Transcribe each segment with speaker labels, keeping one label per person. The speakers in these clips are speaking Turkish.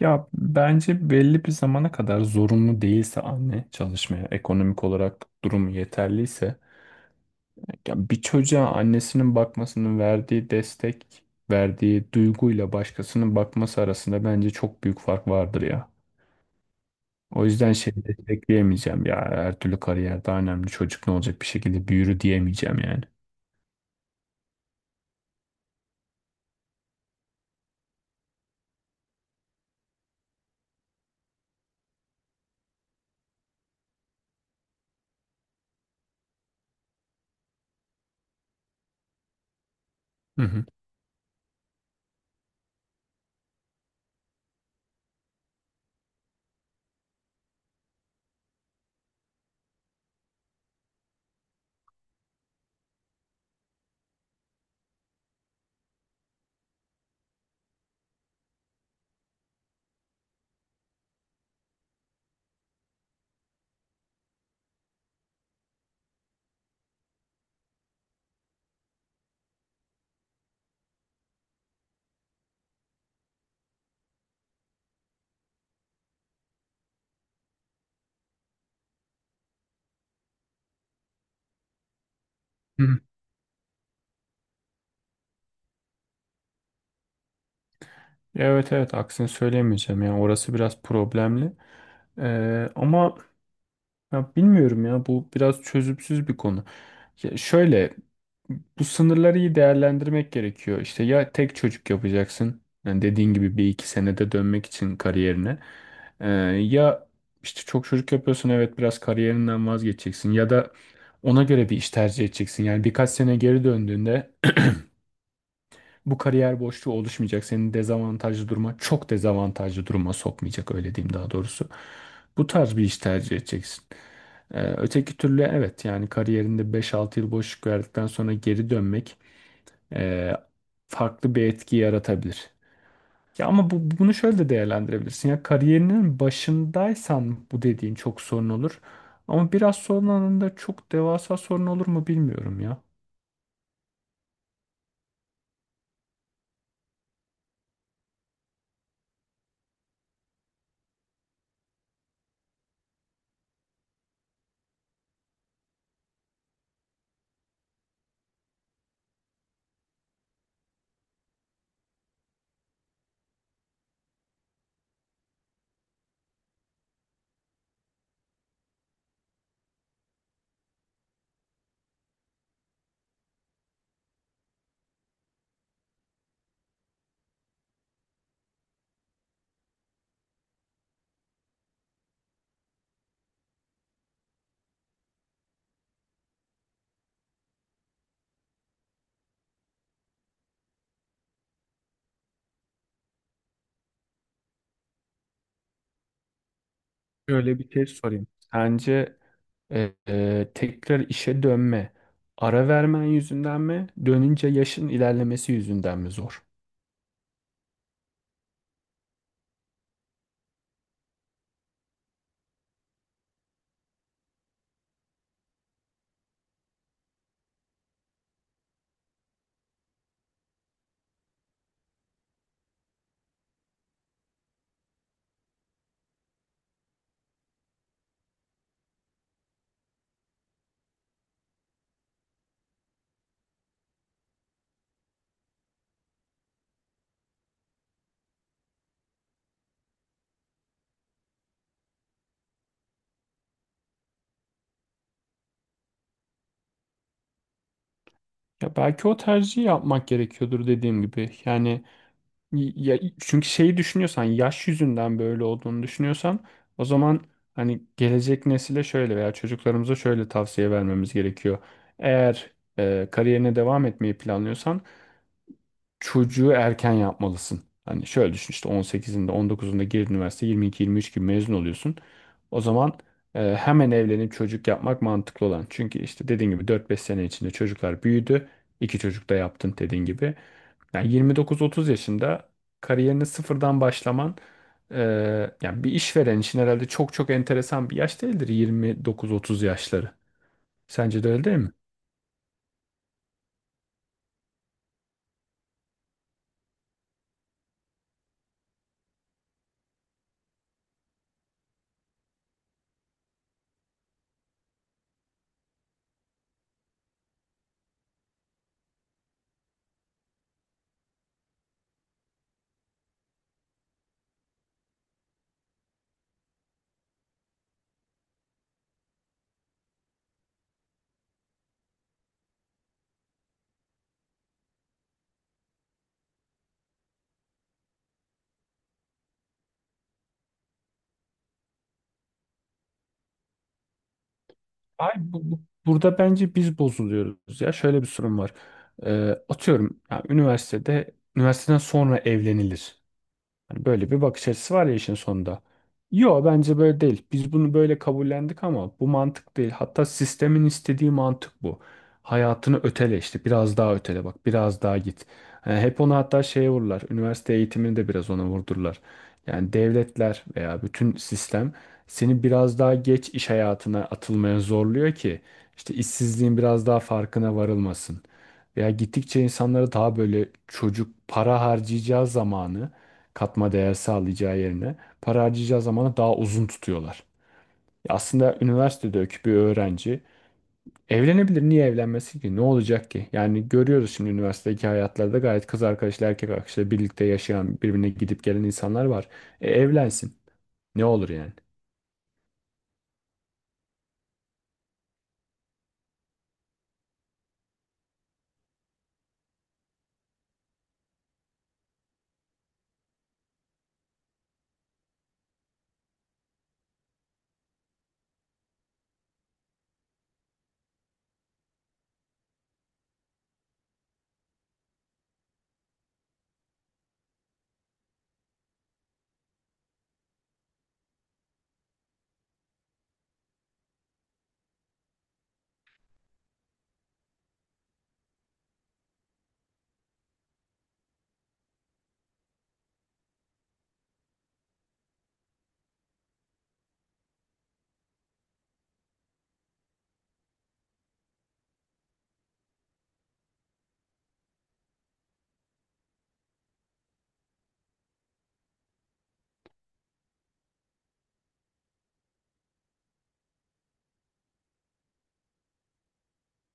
Speaker 1: Ya bence belli bir zamana kadar zorunlu değilse anne çalışmaya, ekonomik olarak durumu yeterliyse, ya bir çocuğa annesinin bakmasının verdiği destek, verdiği duyguyla başkasının bakması arasında bence çok büyük fark vardır ya. O yüzden şey destekleyemeyeceğim, ya her türlü kariyer daha önemli, çocuk ne olacak bir şekilde büyür diyemeyeceğim yani. Hı hı. Hı hı. Evet, evet, aksini söyleyemeyeceğim yani orası biraz problemli. Ama ya bilmiyorum, ya bu biraz çözümsüz bir konu. Ya şöyle, bu sınırları iyi değerlendirmek gerekiyor. İşte ya tek çocuk yapacaksın. Yani dediğin gibi bir iki senede dönmek için kariyerine. Ee, Ya işte çok çocuk yapıyorsun, evet, biraz kariyerinden vazgeçeceksin. Ya da ona göre bir iş tercih edeceksin. Yani birkaç sene geri döndüğünde bu kariyer boşluğu oluşmayacak. Senin dezavantajlı duruma, çok dezavantajlı duruma sokmayacak, öyle diyeyim daha doğrusu. Bu tarz bir iş tercih edeceksin. Öteki türlü evet, yani kariyerinde beş altı yıl boşluk verdikten sonra geri dönmek e, farklı bir etki yaratabilir. Ya ama bunu şöyle de değerlendirebilirsin. Ya kariyerinin başındaysan bu dediğin çok sorun olur. Ama biraz sonralarında çok devasa sorun olur mu bilmiyorum ya. Şöyle bir şey sorayım. Sence tekrar işe dönme, ara vermen yüzünden mi, dönünce yaşın ilerlemesi yüzünden mi zor? Ya belki o tercihi yapmak gerekiyordur dediğim gibi. Yani ya, çünkü şeyi düşünüyorsan, yaş yüzünden böyle olduğunu düşünüyorsan, o zaman hani gelecek nesile şöyle veya çocuklarımıza şöyle tavsiye vermemiz gerekiyor. Eğer kariyerine devam etmeyi planlıyorsan çocuğu erken yapmalısın. Hani şöyle düşün, işte 18'inde 19'unda gir üniversite, 22-23 gibi mezun oluyorsun. O zaman hemen evlenip çocuk yapmak mantıklı olan. Çünkü işte dediğin gibi 4-5 sene içinde çocuklar büyüdü. İki çocuk da yaptın dediğin gibi. Yani 29-30 yaşında kariyerini sıfırdan başlaman, e, yani bir işveren için herhalde çok çok enteresan bir yaş değildir 29-30 yaşları. Sence de öyle değil mi? Ay, burada bence biz bozuluyoruz ya. Şöyle bir sorun var. Atıyorum yani üniversiteden sonra evlenilir. Hani böyle bir bakış açısı var ya işin sonunda. Yo, bence böyle değil. Biz bunu böyle kabullendik ama bu mantık değil. Hatta sistemin istediği mantık bu. Hayatını ötele işte. Biraz daha ötele bak. Biraz daha git. Yani hep onu hatta şeye vururlar. Üniversite eğitimini de biraz ona vurdurlar. Yani devletler veya bütün sistem seni biraz daha geç iş hayatına atılmaya zorluyor ki işte işsizliğin biraz daha farkına varılmasın. Veya gittikçe insanları daha böyle çocuk, para harcayacağı zamanı, katma değer sağlayacağı yerine, para harcayacağı zamanı daha uzun tutuyorlar. Ya aslında üniversitedeki bir öğrenci evlenebilir. Niye evlenmesin ki? Ne olacak ki? Yani görüyoruz, şimdi üniversitedeki hayatlarda gayet kız arkadaşlar erkek arkadaşlar birlikte yaşayan, birbirine gidip gelen insanlar var. E, evlensin. Ne olur yani?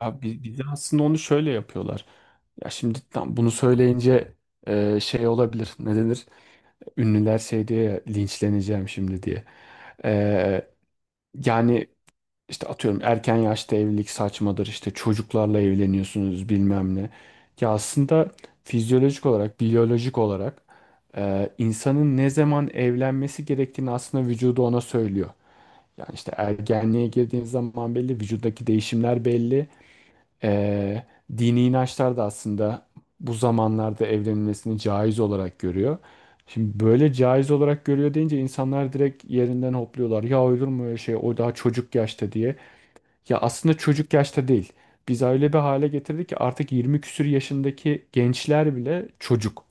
Speaker 1: Abi bir de aslında onu şöyle yapıyorlar. Ya şimdi tam bunu söyleyince şey olabilir. Ne denir? Ünlüler şey diye ya, linçleneceğim şimdi diye. E, Yani işte atıyorum, erken yaşta evlilik saçmadır. İşte çocuklarla evleniyorsunuz bilmem ne. Ya aslında fizyolojik olarak, biyolojik olarak insanın ne zaman evlenmesi gerektiğini aslında vücudu ona söylüyor. Yani işte ergenliğe girdiğin zaman belli, vücuttaki değişimler belli. Ee, Dini inançlar da aslında bu zamanlarda evlenilmesini caiz olarak görüyor. Şimdi böyle caiz olarak görüyor deyince insanlar direkt yerinden hopluyorlar. Ya olur mu öyle şey, o daha çocuk yaşta diye. Ya aslında çocuk yaşta değil. Biz öyle bir hale getirdik ki artık 20 küsür yaşındaki gençler bile çocuk.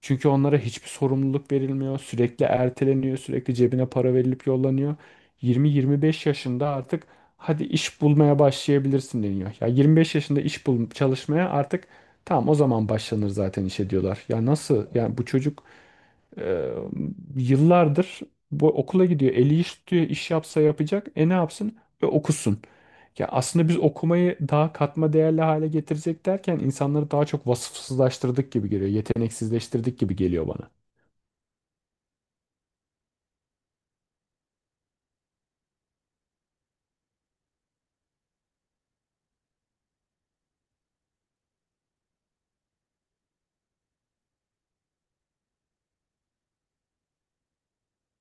Speaker 1: Çünkü onlara hiçbir sorumluluk verilmiyor. Sürekli erteleniyor. Sürekli cebine para verilip yollanıyor. 20-25 yaşında artık hadi iş bulmaya başlayabilirsin deniyor. Ya 25 yaşında iş bul, çalışmaya artık, tamam o zaman başlanır zaten işe diyorlar. Ya nasıl? Yani bu çocuk ee, yıllardır bu okula gidiyor. Eli iş tutuyor, iş yapsa yapacak. E, ne yapsın? E, okusun. Ya aslında biz okumayı daha katma değerli hale getirecek derken insanları daha çok vasıfsızlaştırdık gibi geliyor. Yeteneksizleştirdik gibi geliyor bana.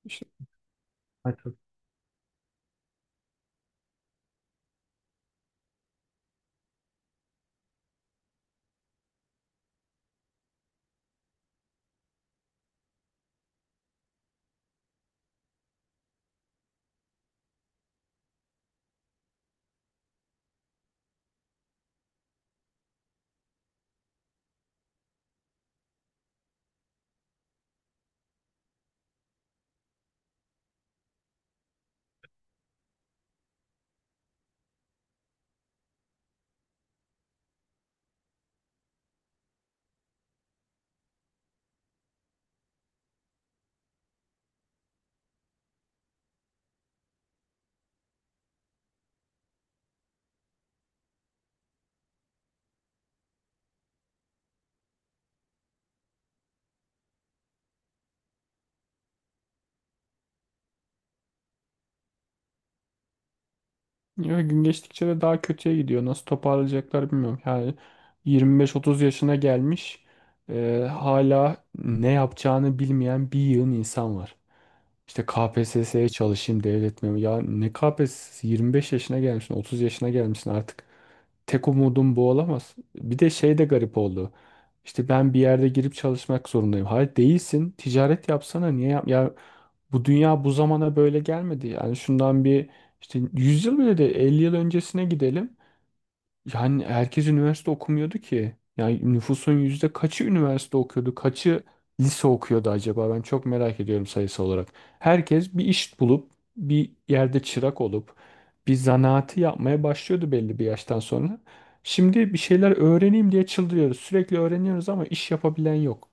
Speaker 1: İşte. Evet. Ya gün geçtikçe de daha kötüye gidiyor. Nasıl toparlayacaklar bilmiyorum. Yani 25-30 yaşına gelmiş, hala ne yapacağını bilmeyen bir yığın insan var. İşte KPSS'ye çalışayım, devlet memuru. Ya ne KPSS, 25 yaşına gelmişsin, 30 yaşına gelmişsin artık. Tek umudum bu olamaz. Bir de şey de garip oldu. İşte ben bir yerde girip çalışmak zorundayım. Hayır, değilsin. Ticaret yapsana. Niye yap? Ya bu dünya bu zamana böyle gelmedi. Yani şundan bir, işte 100 yıl bile de, 50 yıl öncesine gidelim. Yani herkes üniversite okumuyordu ki. Yani nüfusun yüzde kaçı üniversite okuyordu, kaçı lise okuyordu acaba? Ben çok merak ediyorum sayısı olarak. Herkes bir iş bulup, bir yerde çırak olup, bir zanaatı yapmaya başlıyordu belli bir yaştan sonra. Şimdi bir şeyler öğreneyim diye çıldırıyoruz. Sürekli öğreniyoruz ama iş yapabilen yok.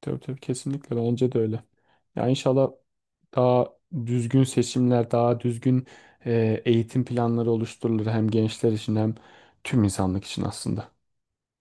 Speaker 1: Tabii tabii, kesinlikle bence de öyle. Ya inşallah daha düzgün seçimler, daha düzgün eğitim planları oluşturulur hem gençler için hem tüm insanlık için aslında.